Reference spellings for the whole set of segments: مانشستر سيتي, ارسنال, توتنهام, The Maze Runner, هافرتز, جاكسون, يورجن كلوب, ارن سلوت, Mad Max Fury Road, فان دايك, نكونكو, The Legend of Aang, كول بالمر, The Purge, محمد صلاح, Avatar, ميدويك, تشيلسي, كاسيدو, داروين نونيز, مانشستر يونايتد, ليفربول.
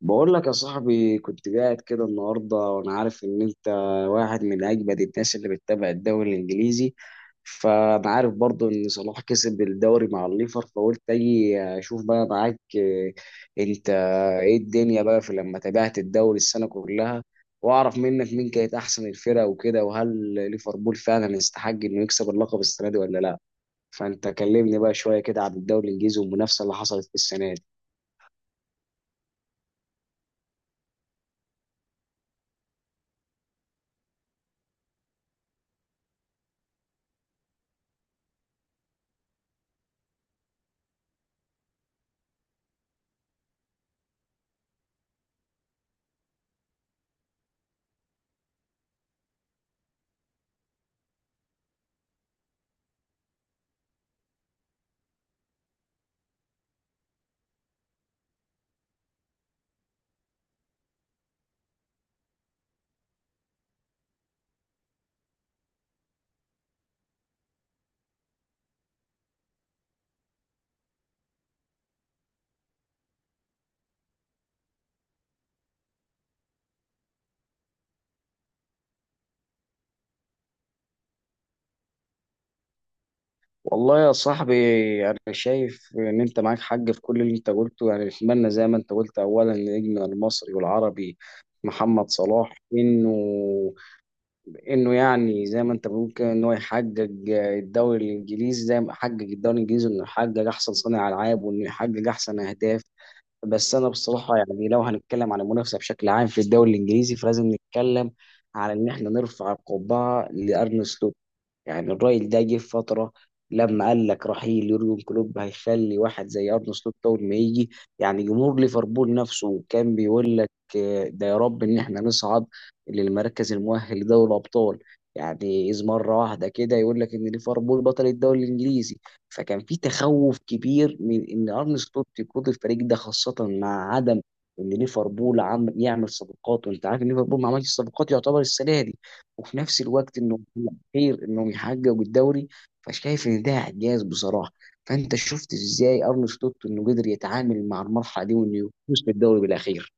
بقول لك يا صاحبي، كنت قاعد كده النهارده وانا عارف ان انت واحد من اجمد الناس اللي بتتابع الدوري الانجليزي. فانا عارف برضو ان صلاح كسب الدوري مع الليفر، فقلت اجي اشوف بقى معاك. انت ايه الدنيا بقى في لما تابعت الدوري السنه كلها، واعرف منك مين كانت احسن الفرق وكده، وهل ليفربول فعلا يستحق انه يكسب اللقب السنه دي ولا لا. فانت كلمني بقى شويه كده عن الدوري الانجليزي والمنافسه اللي حصلت في السنه دي. والله يا صاحبي، أنا شايف إن أنت معاك حق في كل اللي أنت قلته. يعني نتمنى زي ما أنت قلت أولا نجمنا المصري والعربي محمد صلاح إنه يعني زي ما أنت بتقول كده إن هو يحقق الدوري الإنجليزي زي ما حقق الدوري الإنجليزي، إنه يحقق أحسن صانع ألعاب وإنه يحقق أحسن أهداف. بس انا بصراحه يعني لو هنتكلم عن المنافسه بشكل عام في الدوري الانجليزي، فلازم نتكلم على ان احنا نرفع القبعه لارن سلوت. يعني الراجل ده جه في فتره لما قال لك رحيل يورجن كلوب هيخلي واحد زي ارن سلوت اول ما يجي، يعني جمهور ليفربول نفسه كان بيقول لك ده يا رب ان احنا نصعد للمركز المؤهل لدوري الابطال، يعني اذ مره واحده كده يقول لك ان ليفربول بطل الدوري الانجليزي. فكان في تخوف كبير من ان ارن سلوت يقود الفريق ده، خاصه مع عدم ان ليفربول عم يعمل صفقات، وانت عارف ان ليفربول ما عملش صفقات يعتبر السنه دي. وفي نفس الوقت انه خير انهم يحققوا الدوري، فشايف ان ده اعجاز بصراحه. فانت شفت ازاي ارن سلوت انه قدر يتعامل مع المرحله دي وانه يفوز بالدوري بالاخير.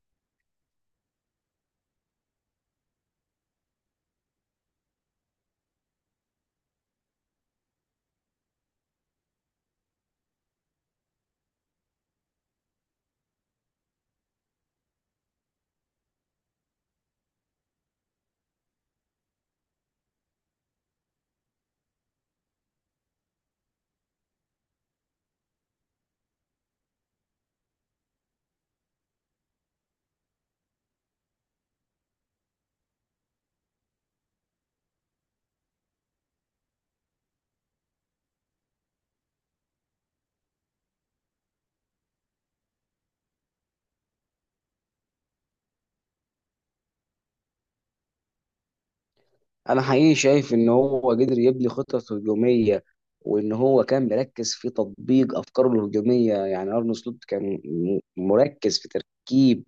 انا حقيقي شايف ان هو قدر يبني خطط هجوميه وان هو كان مركز في تطبيق افكاره الهجوميه. يعني ارن سلوت كان مركز في تركيب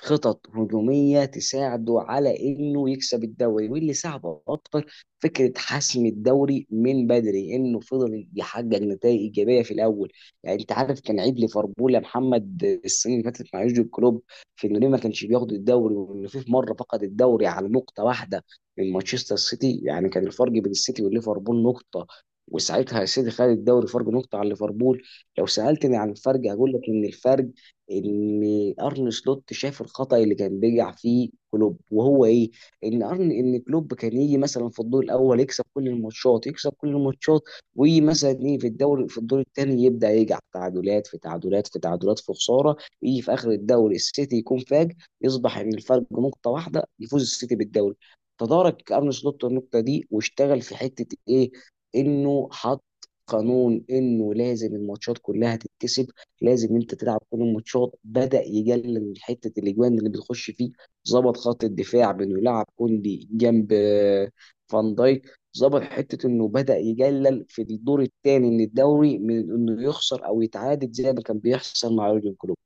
خطط هجومية تساعده على انه يكسب الدوري، واللي ساعده اكتر فكرة حسم الدوري من بدري انه فضل يحقق نتائج ايجابية في الاول. يعني انت عارف كان عيب ليفربول يا محمد السنة اللي فاتت مع يورجن كلوب في انه ليه ما كانش بياخد الدوري، وانه في مرة فقد الدوري على نقطة واحدة من مانشستر سيتي. يعني كان الفرق بين السيتي وليفربول نقطة، وساعتها السيتي خد الدوري فرق نقطة عن ليفربول. لو سألتني عن الفرق، هقول لك إن الفرق ان ارن سلوت شاف الخطأ اللي كان بيقع فيه كلوب وهو ايه. ان كلوب كان يجي مثلا في الدور الاول يكسب كل الماتشات يكسب كل الماتشات، ويجي مثلا ايه في الدوري في الدور الثاني يبدا يقع في تعادلات في تعادلات في تعادلات في خساره، يجي في اخر الدوري السيتي يكون فاج، يصبح ان الفرق نقطه واحده يفوز السيتي بالدوري. تدارك ارن سلوت النقطه دي واشتغل في حته ايه، انه حط قانون انه لازم الماتشات كلها تتكسب، لازم انت تلعب كل الماتشات، بدا يقلل من حته الاجوان اللي بتخش فيه. ظبط خط الدفاع بانه يلعب كوندي جنب فان دايك، ظبط حته انه بدا يقلل في الدور الثاني من الدوري من انه يخسر او يتعادل زي ما كان بيحصل مع يورجن كلوب.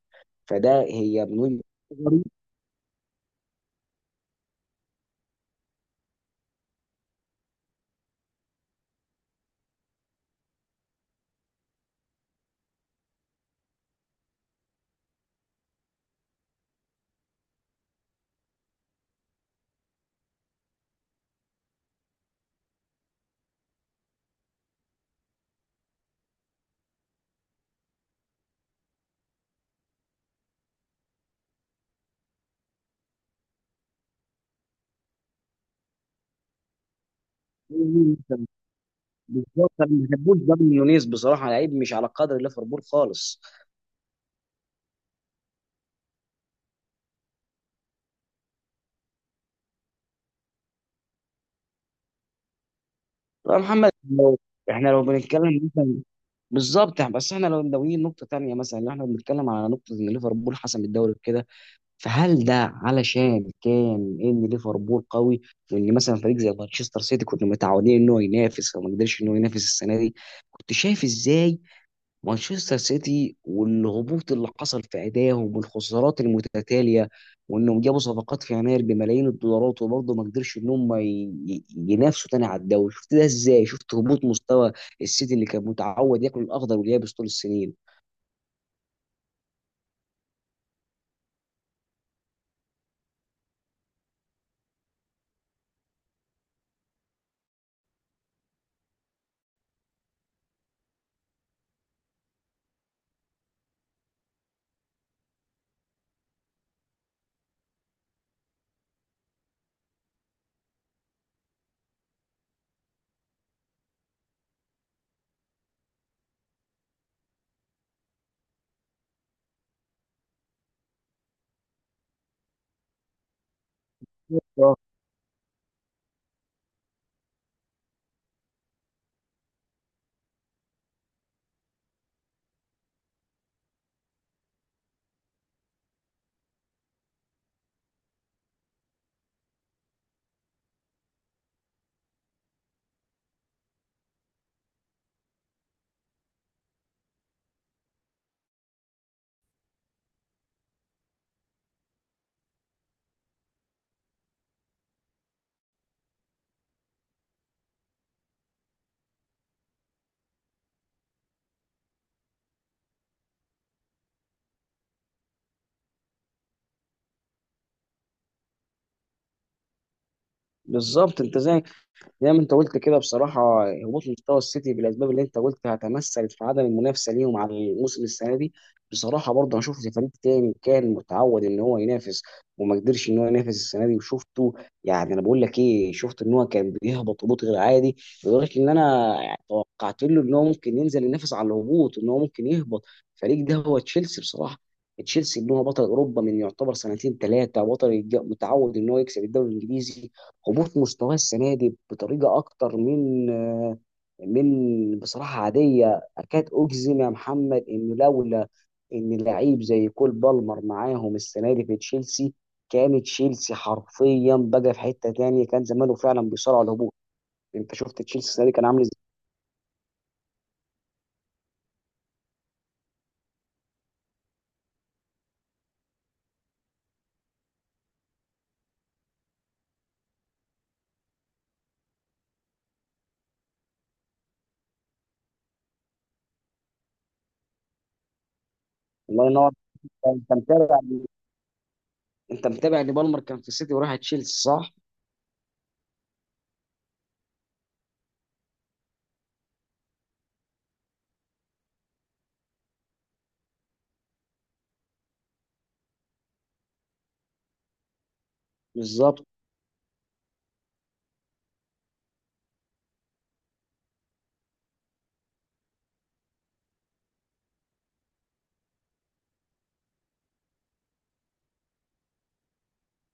فده هي من وجهه نظري. بالظبط، انا ما بحبوش داروين نونيز بصراحه، لعيب مش على قدر ليفربول خالص. طب يا محمد لو احنا لو بنتكلم بالظبط يعني، بس احنا لو ناويين نقطة تانية مثلا اللي احنا بنتكلم على نقطة ان ليفربول حسم الدوري كده، فهل ده علشان كان ان ليفربول قوي، وان مثلا فريق زي مانشستر سيتي كنا متعودين ان هو ينافس فما قدرش ان هو ينافس السنة دي؟ كنت شايف ازاي مانشستر سيتي والهبوط اللي حصل في ادائهم والخسارات المتتاليه، وانهم جابوا صفقات في يناير بملايين الدولارات وبرضه ما قدرش ان هم ينافسوا تاني على الدوري؟ شفت ده ازاي؟ شفت هبوط مستوى السيتي اللي كان متعود ياكل الاخضر واليابس طول السنين؟ آه. بالظبط، انت زي ما انت قلت كده بصراحه، هبوط مستوى السيتي بالاسباب اللي انت قلتها تمثلت في عدم المنافسه ليهم على الموسم السنه دي. بصراحه برضه انا شفت فريق تاني كان متعود ان هو ينافس وما قدرش ان هو ينافس السنه دي وشفته، يعني انا بقول لك ايه، شفت ان هو كان بيهبط هبوط غير عادي لدرجه ان انا توقعت له ان هو ممكن ينزل ينافس على الهبوط، ان هو ممكن يهبط. الفريق ده هو تشيلسي بصراحه. تشيلسي ان هو بطل اوروبا من يعتبر سنتين ثلاثه، بطل متعود ان هو يكسب الدوري الانجليزي. هبوط مستواه السنه دي بطريقه اكتر من من بصراحه عاديه. اكاد اجزم يا محمد انه لولا ان لعيب زي كول بالمر معاهم السنه دي في تشيلسي، كان تشيلسي حرفيا بقى في حته تانية، كان زمانه فعلا بيصارع على الهبوط. انت شفت تشيلسي السنه دي كان عامل ازاي؟ الله ينور. انت متابع انت متابع ان بالمر كان في السيتي وراح تشيلسي صح؟ بالظبط.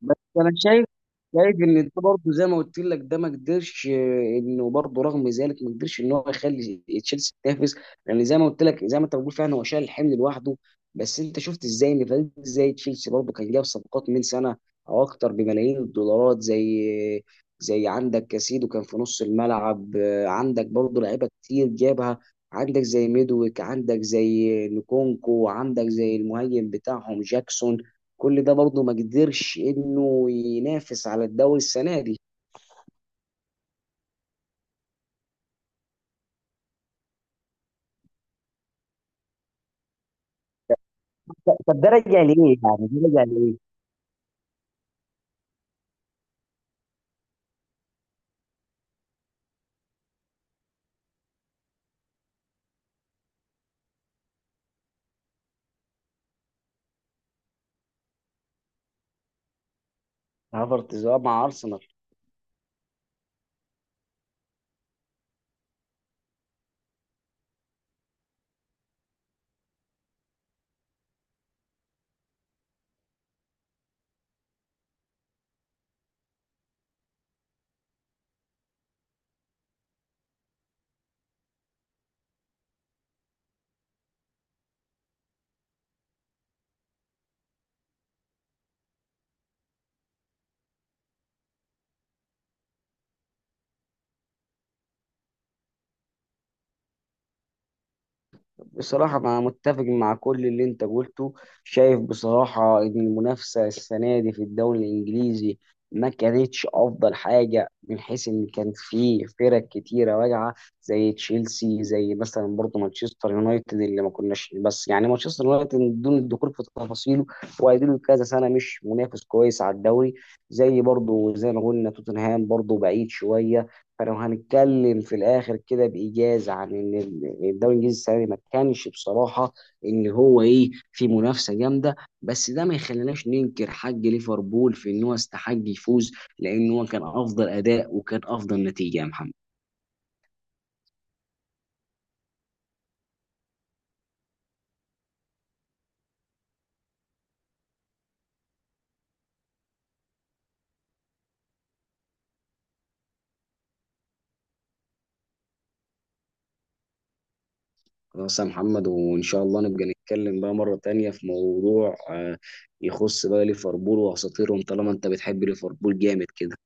بس انا شايف ان ده برضه زي ما قلت لك، ده ما قدرش انه برضه رغم ذلك ما قدرش ان هو يخلي تشيلسي تنافس، لان زي ما قلت لك زي ما انت بتقول فعلا هو شايل الحمل لوحده. بس انت شفت ازاي ان فريق زي تشيلسي برضه كان جاب صفقات من سنه او اكتر بملايين الدولارات، زي عندك كاسيدو كان في نص الملعب، عندك برضه لعيبه كتير جابها، عندك زي ميدويك، عندك زي نكونكو، عندك زي المهاجم بتاعهم جاكسون، كل ده برضه ما قدرش انه ينافس على الدوري السنه دي. طب ده راجع لإيه؟ يعني ده راجع لإيه؟ هافرتز اه مع ارسنال. بصراحة أنا متفق مع كل اللي أنت قلته. شايف بصراحة إن المنافسة السنة دي في الدوري الإنجليزي ما كانتش أفضل حاجة، من حيث إن كان في فرق كتيرة واجعة زي تشيلسي، زي مثلا برضه مانشستر يونايتد اللي ما كناش، بس يعني مانشستر يونايتد بدون الدخول في تفاصيله وقاعدين كذا سنة مش منافس كويس على الدوري، زي برضه زي ما قلنا توتنهام برضه بعيد شوية. فلو هنتكلم في الاخر كده بايجاز عن ان الدوري الانجليزي السنه دي ما كانش بصراحه ان هو ايه في منافسه جامده. بس ده ما يخليناش ننكر حق ليفربول في ان هو استحق يفوز، لان هو كان افضل اداء وكان افضل نتيجه يا محمد. خلاص يا محمد، وان شاء الله نبقى نتكلم بقى مره تانية في موضوع يخص بقى ليفربول واساطيرهم، طالما انت بتحب ليفربول جامد كده.